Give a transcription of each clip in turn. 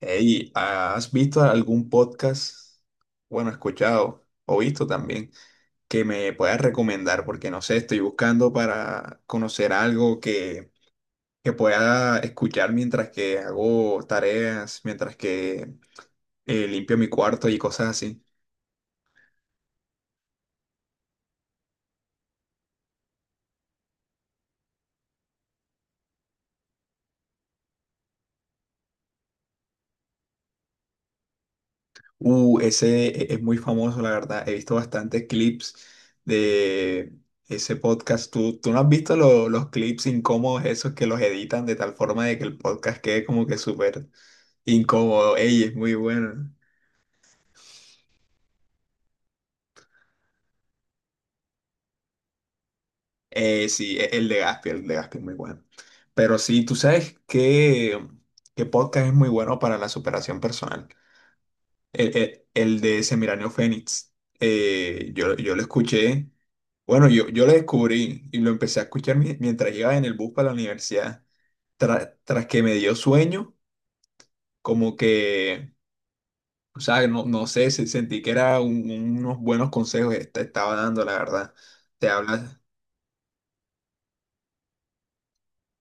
Hey, ¿has visto algún podcast? Bueno, escuchado o visto también que me puedas recomendar, porque no sé, estoy buscando para conocer algo que pueda escuchar mientras que hago tareas, mientras que limpio mi cuarto y cosas así. Ese es muy famoso, la verdad. He visto bastantes clips de ese podcast. ¿Tú no has visto los clips incómodos esos que los editan de tal forma de que el podcast quede como que súper incómodo? Ella es muy buena. Sí, el de Gaspi es muy bueno. Pero sí, tú sabes que podcast es muy bueno para la superación personal. El, el de Semiranio Fénix. Yo lo escuché, bueno, yo lo descubrí y lo empecé a escuchar mientras iba en el bus para la universidad. Tras que me dio sueño, como que, o sea, no sé, sentí que era unos buenos consejos que te estaba dando, la verdad. Te hablas.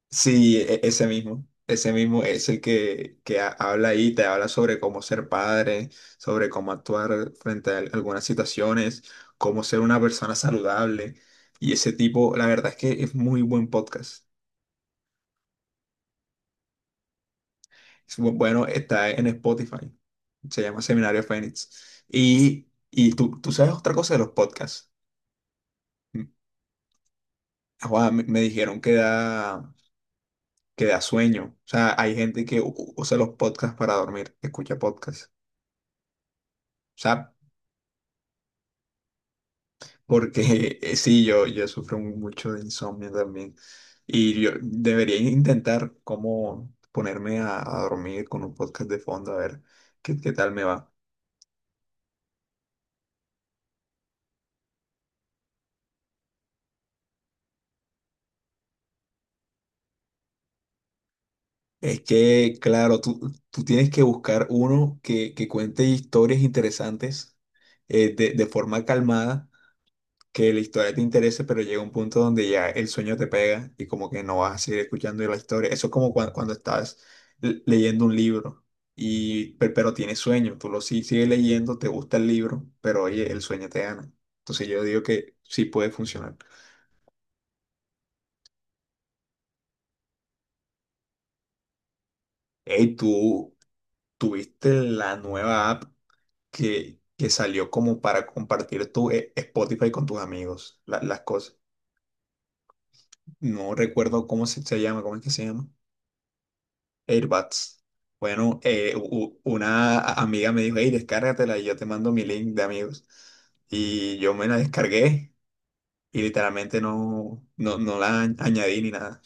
Sí, ese mismo es el que habla ahí, te habla sobre cómo ser padre, sobre cómo actuar frente a algunas situaciones, cómo ser una persona saludable. Y ese tipo, la verdad es que es muy buen podcast. Es bueno, está en Spotify, se llama Seminario Fénix. Y tú sabes otra cosa de los podcasts. Mm, joda, me dijeron que da, que da. Sueño, o sea, hay gente que usa los podcasts para dormir, escucha podcasts. O sea, porque sí, yo sufro mucho de insomnio también. Y yo debería intentar cómo ponerme a dormir con un podcast de fondo, a ver qué, qué tal me va. Es que, claro, tú tienes que buscar uno que cuente historias interesantes de forma calmada, que la historia te interese, pero llega un punto donde ya el sueño te pega y como que no vas a seguir escuchando la historia. Eso es como cuando estás leyendo un libro, y, pero tienes sueño, tú lo sigues leyendo, te gusta el libro, pero oye, el sueño te gana. Entonces yo digo que sí puede funcionar. Hey, tú tuviste la nueva app que salió como para compartir tu Spotify con tus amigos, las cosas. No recuerdo cómo se llama, ¿cómo es que se llama? AirBuds. Bueno, una amiga me dijo, hey, descárgatela y yo te mando mi link de amigos. Y yo me la descargué y literalmente no la añadí ni nada.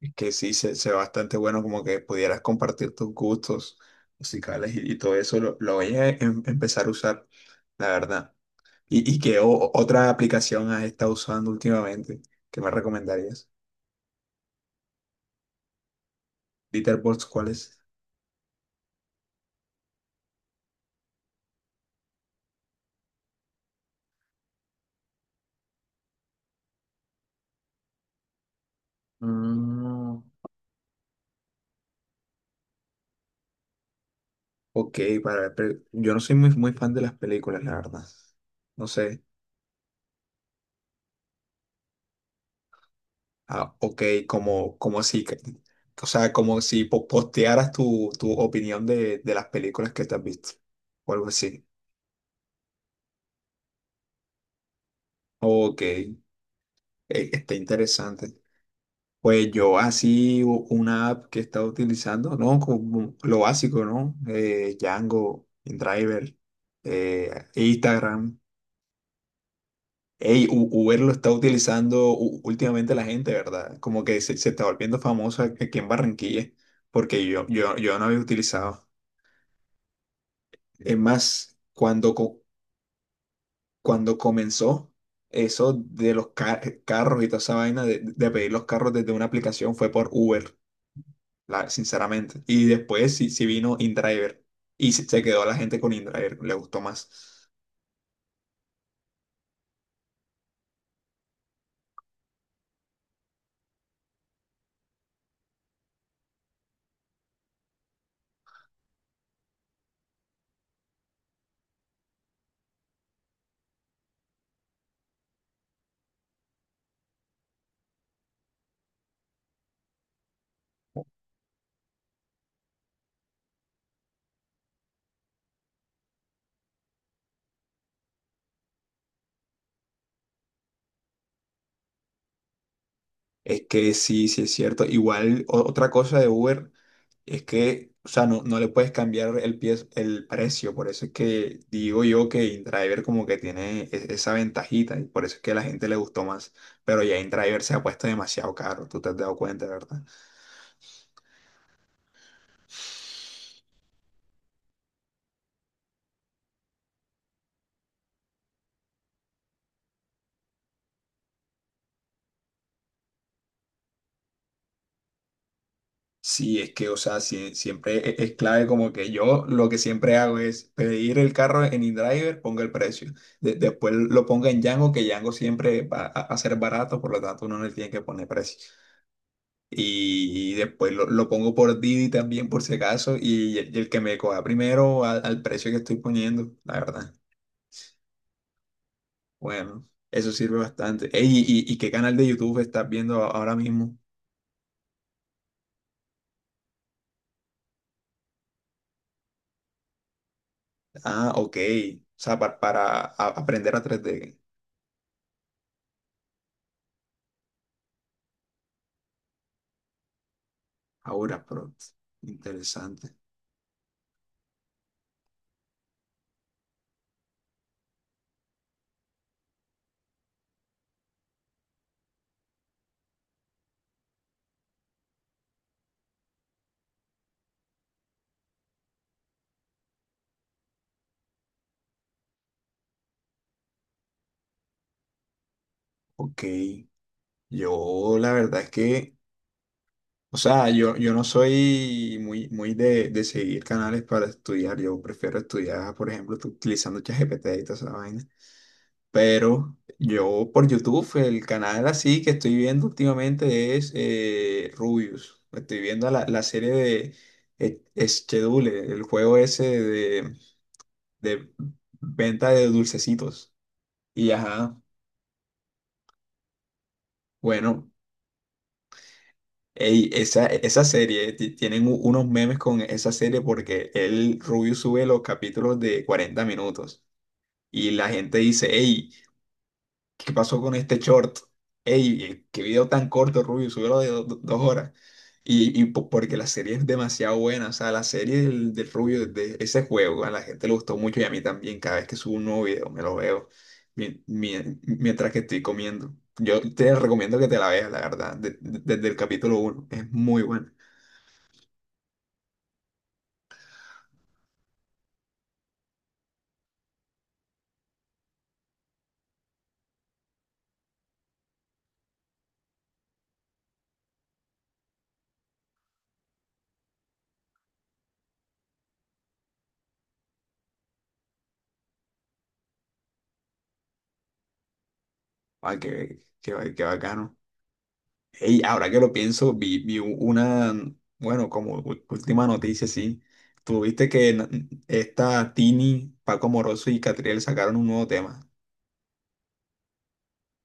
Es que sí, se ve bastante bueno, como que pudieras compartir tus gustos musicales y todo eso. Lo voy a empezar a usar, la verdad. ¿Y qué otra aplicación has estado usando últimamente que me recomendarías? Litterboxd, ¿cuál es? Mm. Ok, para ver, pero yo no soy muy, muy fan de las películas, la verdad. No sé. Ah, ok, como, como si, o sea, como si postearas tu opinión de las películas que te has visto. O algo así. Ok, está interesante. Pues yo así una app que he estado utilizando, ¿no? Como lo básico, ¿no? Django, InDriver, Instagram. Ey, Uber lo está utilizando últimamente la gente, ¿verdad? Como que se está volviendo famosa aquí en Barranquilla, porque yo no había utilizado. Es más, cuando, cuando comenzó eso de los carros y toda esa vaina de pedir los carros desde una aplicación, fue por Uber, la, sinceramente. Y después sí, sí vino InDriver y se quedó la gente con InDriver, le gustó más. Es que sí, sí es cierto. Igual otra cosa de Uber. Es que, o sea, no le puedes cambiar el, el precio, por eso es que digo yo que InDriver como que tiene esa ventajita y por eso es que a la gente le gustó más, pero ya InDriver se ha puesto demasiado caro, tú te has dado cuenta, ¿verdad? Sí, es que, o sea, siempre es clave, como que yo lo que siempre hago es pedir el carro en InDriver, ponga el precio, después lo ponga en Django, que Django siempre va a ser barato, por lo tanto uno no le tiene que poner precio. Y después lo pongo por Didi también, por si acaso. Y, el que me coja primero al precio que estoy poniendo, la verdad. Bueno, eso sirve bastante. Ey, y, y qué canal de YouTube estás viendo ahora mismo? Ah, ok. O sea, para aprender a 3D. Ahora, pero interesante. Ok. Yo la verdad es que, o sea, yo no soy muy, muy de seguir canales para estudiar. Yo prefiero estudiar, por ejemplo, utilizando ChatGPT y toda esa vaina. Pero yo por YouTube, el canal así que estoy viendo últimamente es Rubius. Estoy viendo la serie de eh, Schedule, el juego ese de venta de dulcecitos. Y ajá, bueno, ey, esa serie, tienen unos memes con esa serie porque el Rubius sube los capítulos de 40 minutos. Y la gente dice, hey, ¿qué pasó con este short? Ey, qué video tan corto, Rubio, subió de 2 horas. Y porque la serie es demasiado buena, o sea, la serie del Rubio, de ese juego, a la gente le gustó mucho y a mí también, cada vez que subo un nuevo video me lo veo mientras que estoy comiendo. Yo te recomiendo que te la veas, la verdad, desde el capítulo 1 es muy buena. Ay, qué bacano. Ey, ahora que lo pienso, vi una, bueno, como última noticia, sí. Tuviste que na- Esta Tini, Paco Moroso y Catriel sacaron un nuevo tema.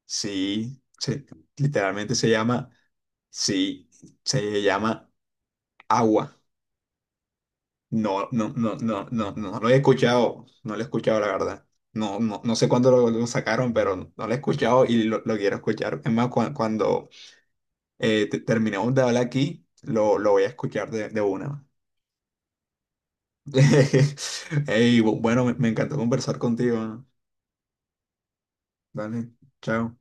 Sí, literalmente se llama, sí, se llama Agua. No, no, no, no, no, no, lo he escuchado, no lo he escuchado, la verdad. No, no, no sé cuándo lo sacaron, pero no lo he escuchado y lo quiero escuchar. Es más, cuando terminemos de hablar aquí, lo voy a escuchar de una. Ey, bueno, me encantó conversar contigo, ¿no? Dale, chao.